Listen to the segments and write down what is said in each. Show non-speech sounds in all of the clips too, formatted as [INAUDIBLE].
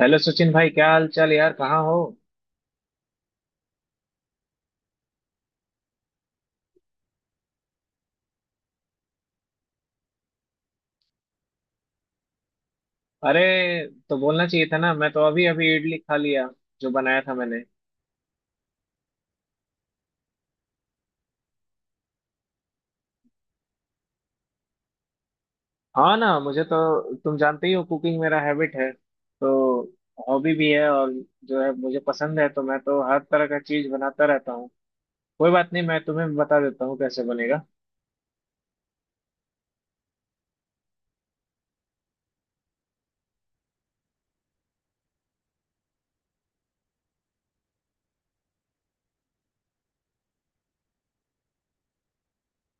Hello Sachin भाई, क्या हाल चाल यार? कहाँ हो? अरे, तो बोलना चाहिए था ना। मैं तो अभी अभी इडली खा लिया जो बनाया था मैंने। हाँ ना, मुझे तो तुम जानते ही हो, कुकिंग मेरा हैबिट है तो। हॉबी भी है, और जो है मुझे पसंद है, तो मैं तो हर तरह का चीज बनाता रहता हूँ। कोई बात नहीं, मैं तुम्हें बता देता हूँ कैसे बनेगा।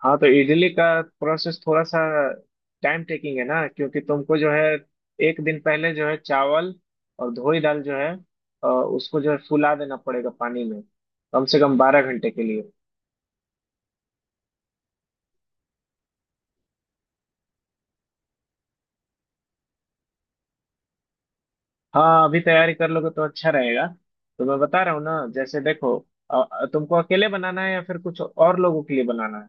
हाँ, तो इडली का प्रोसेस थोड़ा सा टाइम टेकिंग है ना, क्योंकि तुमको जो है एक दिन पहले जो है चावल और धोई दाल जो है उसको जो है फुला देना पड़ेगा पानी में, कम से कम 12 घंटे के लिए। हाँ, अभी तैयारी कर लोगे तो अच्छा रहेगा। तो मैं बता रहा हूँ ना, जैसे देखो तुमको अकेले बनाना है या फिर कुछ और लोगों के लिए बनाना है?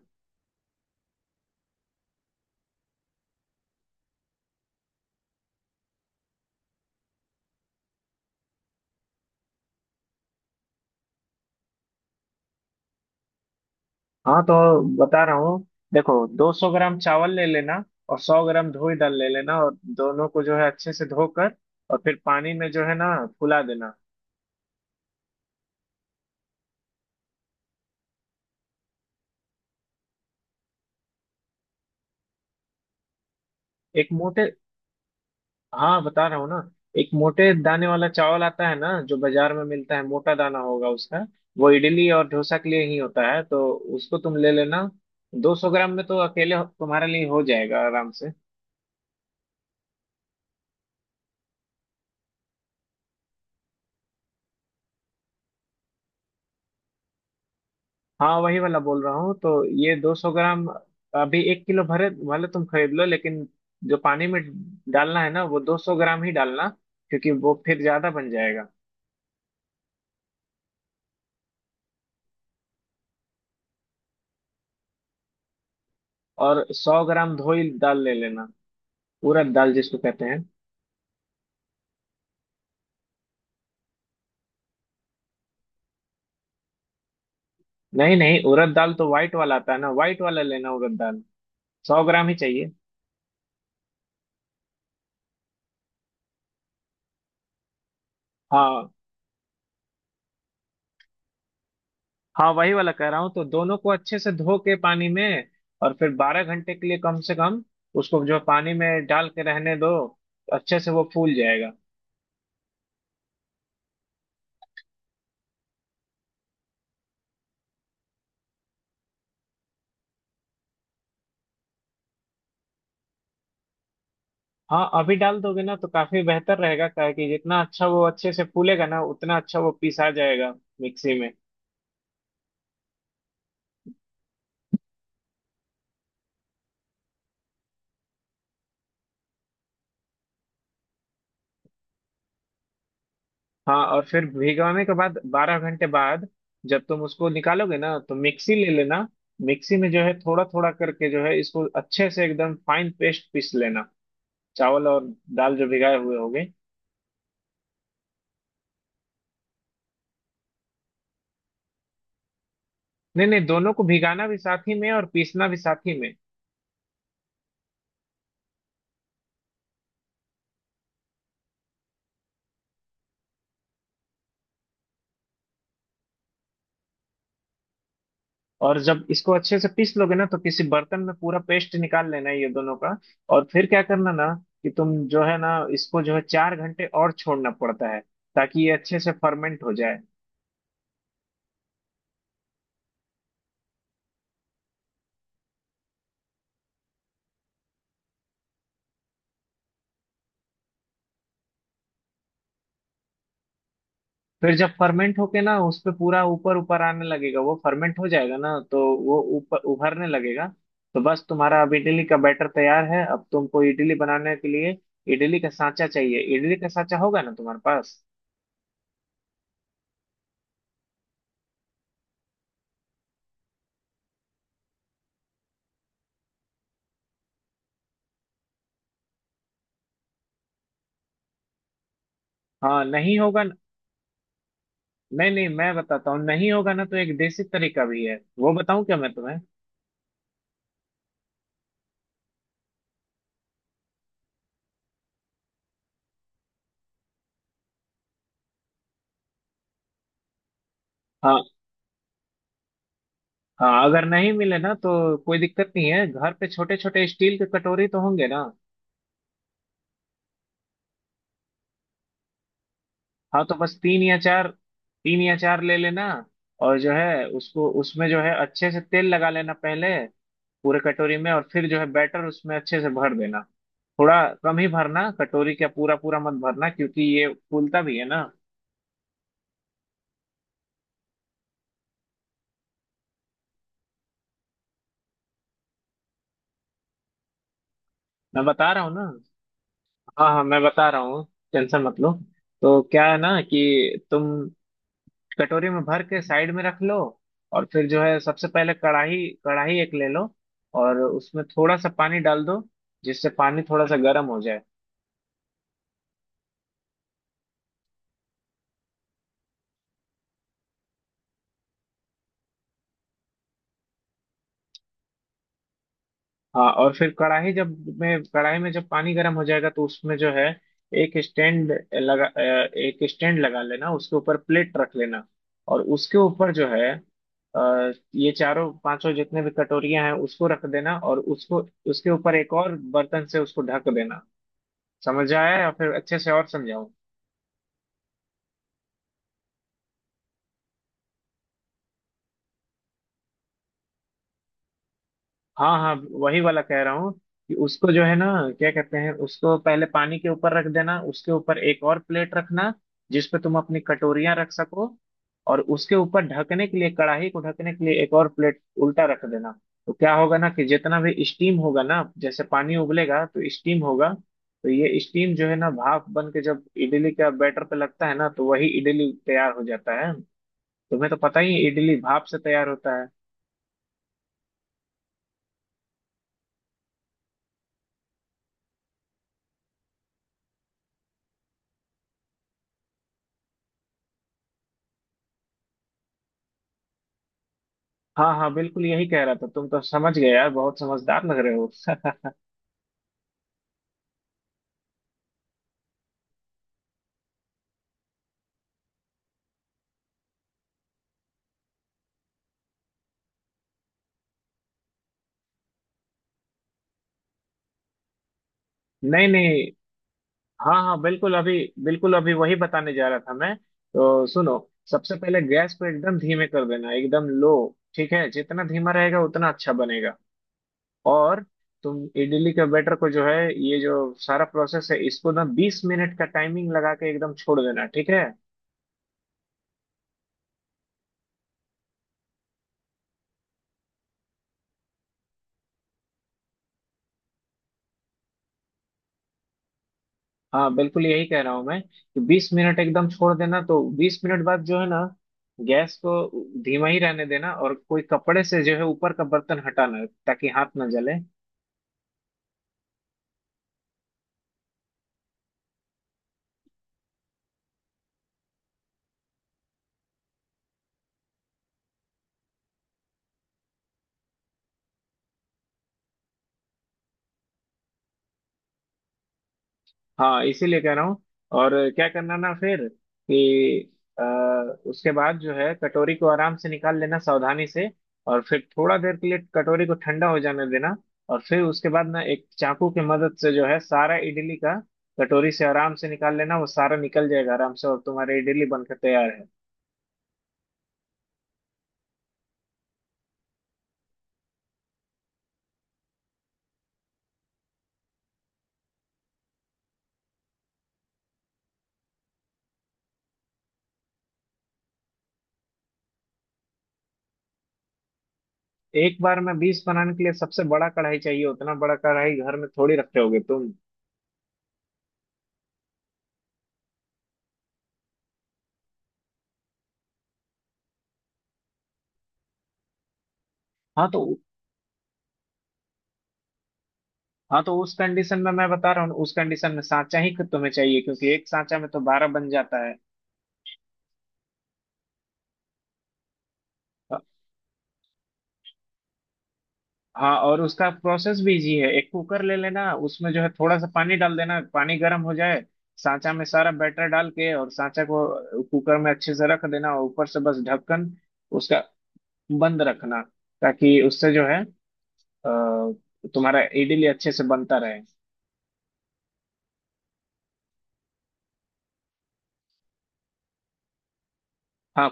हाँ तो बता रहा हूँ, देखो, 200 ग्राम चावल ले लेना, और 100 ग्राम धोई दाल ले लेना, और दोनों को जो है अच्छे से धोकर और फिर पानी में जो है ना फुला देना। एक मोटे हाँ बता रहा हूँ ना, एक मोटे दाने वाला चावल आता है ना, जो बाजार में मिलता है, मोटा दाना होगा उसका। वो इडली और डोसा के लिए ही होता है, तो उसको तुम ले लेना। 200 ग्राम में तो अकेले तुम्हारे लिए हो जाएगा आराम से। हाँ, वही वाला बोल रहा हूँ तो। ये 200 ग्राम। अभी एक किलो भरे भले तुम खरीद लो, लेकिन जो पानी में डालना है ना, वो 200 ग्राम ही डालना, क्योंकि वो फिर ज्यादा बन जाएगा। और 100 ग्राम धोई दाल ले लेना, उड़द दाल जिसको कहते हैं। नहीं नहीं, उड़द दाल तो वाइट वाला आता है ना। वाइट वाला लेना, उड़द दाल। 100 ग्राम ही चाहिए। हाँ हाँ, वही वाला कह रहा हूँ, तो दोनों को अच्छे से धो के पानी में, और फिर 12 घंटे के लिए कम से कम उसको जो पानी में डाल के रहने दो। अच्छे से वो फूल जाएगा। हाँ, अभी डाल दोगे ना तो काफी बेहतर रहेगा। क्या है कि जितना अच्छा वो अच्छे से फूलेगा ना, उतना अच्छा वो पिसा जाएगा मिक्सी में। हाँ, और फिर भिगोने के बाद 12 घंटे बाद जब तुम उसको निकालोगे ना, तो मिक्सी ले लेना। मिक्सी में जो है थोड़ा थोड़ा करके जो है इसको अच्छे से एकदम फाइन पेस्ट पीस लेना, चावल और दाल जो भिगाए हुए होगे। नहीं नहीं, दोनों को भिगाना भी साथ ही में और पीसना भी साथ ही में। और जब इसको अच्छे से पीस लोगे ना, तो किसी बर्तन में पूरा पेस्ट निकाल लेना है, ये दोनों का। और फिर क्या करना ना, कि तुम जो है ना इसको जो है 4 घंटे और छोड़ना पड़ता है, ताकि ये अच्छे से फर्मेंट हो जाए। फिर जब फर्मेंट होके ना उस पे पूरा ऊपर ऊपर आने लगेगा, वो फर्मेंट हो जाएगा ना, तो वो ऊपर उभरने लगेगा। तो बस तुम्हारा अब इडली का बैटर तैयार है। अब तुमको इडली बनाने के लिए इडली का सांचा चाहिए। इडली का सांचा होगा ना तुम्हारे पास? हाँ, नहीं होगा। नहीं नहीं, मैं बताता हूँ। नहीं होगा ना, तो एक देसी तरीका भी है, वो बताऊं क्या मैं तुम्हें? हाँ हाँ, अगर नहीं मिले ना तो कोई दिक्कत नहीं है, घर पे छोटे छोटे स्टील के कटोरी तो होंगे ना? हाँ, तो बस तीन या चार ले लेना। और जो है उसको उसमें जो है अच्छे से तेल लगा लेना पहले, पूरे कटोरी में। और फिर जो है बैटर उसमें अच्छे से भर देना, थोड़ा कम ही भरना, कटोरी का पूरा पूरा मत भरना, क्योंकि ये फूलता भी है ना। मैं बता रहा हूँ ना। हाँ हाँ, मैं बता रहा हूँ, टेंशन मत लो। तो क्या है ना, कि तुम कटोरी में भर के साइड में रख लो। और फिर जो है सबसे पहले कढ़ाई कढ़ाई एक ले लो, और उसमें थोड़ा सा पानी डाल दो, जिससे पानी थोड़ा सा गर्म हो जाए। हाँ, और फिर कढ़ाई में जब पानी गर्म हो जाएगा, तो उसमें जो है एक स्टैंड लगा अ, एक स्टैंड लगा लेना, उसके ऊपर प्लेट रख लेना। और उसके ऊपर जो है ये चारों पांचों जितने भी कटोरियां हैं उसको रख देना, और उसको उसके ऊपर एक और बर्तन से उसको ढक देना। समझ आया, या फिर अच्छे से और समझाऊं? हाँ हाँ, वही वाला कह रहा हूँ, कि उसको जो है ना, क्या कहते हैं, उसको पहले पानी के ऊपर रख देना, उसके ऊपर एक और प्लेट रखना जिस पे तुम अपनी कटोरियां रख सको। और उसके ऊपर ढकने के लिए कढ़ाई को ढकने के लिए एक और प्लेट उल्टा रख देना। तो क्या होगा ना, कि जितना भी स्टीम होगा ना, जैसे पानी उबलेगा तो स्टीम होगा, तो ये स्टीम जो है ना भाप बन के जब इडली का बैटर पे लगता है ना, तो वही इडली तैयार हो जाता है। तुम्हें तो पता ही है, इडली भाप से तैयार होता है। हाँ हाँ, बिल्कुल यही कह रहा था। तुम तो समझ गए यार, बहुत समझदार लग रहे हो। [LAUGHS] नहीं नहीं, हाँ हाँ। बिल्कुल अभी वही बताने जा रहा था मैं तो, सुनो। सबसे पहले गैस को एकदम धीमे कर देना, एकदम लो। ठीक है, जितना धीमा रहेगा उतना अच्छा बनेगा। और तुम इडली के बैटर को जो है, ये जो सारा प्रोसेस है, इसको ना 20 मिनट का टाइमिंग लगा के एकदम छोड़ देना, ठीक है। हाँ, बिल्कुल यही कह रहा हूँ मैं कि 20 मिनट एकदम छोड़ देना। तो 20 मिनट बाद जो है ना, गैस को धीमा ही रहने देना, और कोई कपड़े से जो है ऊपर का बर्तन हटाना, ताकि हाथ ना जले। हाँ, इसीलिए कह रहा हूँ। और क्या करना ना फिर, कि अ, उसके बाद जो है कटोरी को आराम से निकाल लेना सावधानी से, और फिर थोड़ा देर के लिए कटोरी को ठंडा हो जाने देना। और फिर उसके बाद ना एक चाकू की मदद से जो है सारा इडली का कटोरी से आराम से निकाल लेना, वो सारा निकल जाएगा आराम से, और तुम्हारी इडली बनकर तैयार है। एक बार में 20 बनाने के लिए सबसे बड़ा कढ़ाई चाहिए, उतना बड़ा कढ़ाई घर में थोड़ी रखे होगे तुम। हाँ तो हाँ तो उस कंडीशन में मैं बता रहा हूँ, उस कंडीशन में सांचा ही तुम्हें चाहिए, क्योंकि एक सांचा में तो 12 बन जाता है। हाँ, और उसका प्रोसेस भी इजी है। एक कुकर ले लेना, उसमें जो है थोड़ा सा पानी डाल देना, पानी गर्म हो जाए। सांचा में सारा बैटर डाल के और सांचा को कुकर में अच्छे से रख देना, और ऊपर से बस ढक्कन उसका बंद रखना, ताकि उससे जो है तुम्हारा इडली अच्छे से बनता रहे। हाँ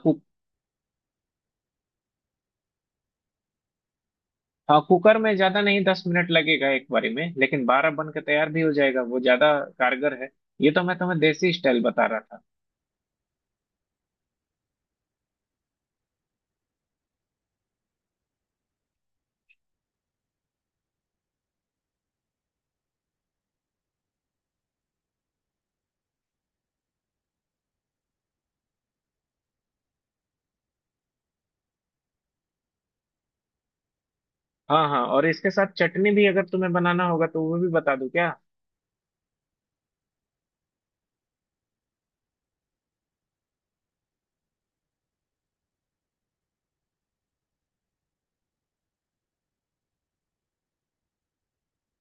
हाँ, कुकर में ज्यादा नहीं, 10 मिनट लगेगा एक बारी में, लेकिन 12 बन के तैयार भी हो जाएगा। वो ज्यादा कारगर है। ये तो मैं तुम्हें देसी स्टाइल बता रहा था। हाँ हाँ, और इसके साथ चटनी भी अगर तुम्हें बनाना होगा तो वो भी बता दूं क्या?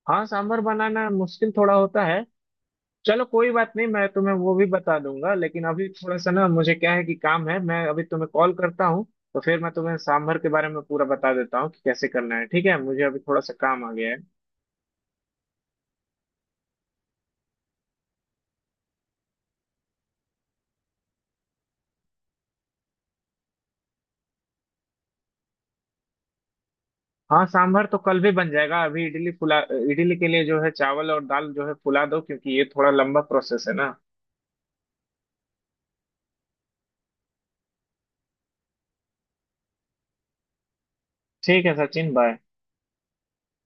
हाँ, सांभर बनाना मुश्किल थोड़ा होता है। चलो कोई बात नहीं, मैं तुम्हें वो भी बता दूंगा, लेकिन अभी थोड़ा सा ना, मुझे क्या है कि काम है, मैं अभी तुम्हें कॉल करता हूँ। तो फिर मैं तुम्हें सांभर के बारे में पूरा बता देता हूँ, कि कैसे करना है। ठीक है, मुझे अभी थोड़ा सा काम आ गया है। हाँ, सांभर तो कल भी बन जाएगा। अभी इडली फुला इडली के लिए जो है चावल और दाल जो है फुला दो, क्योंकि ये थोड़ा लंबा प्रोसेस है ना। ठीक है सचिन, बाय।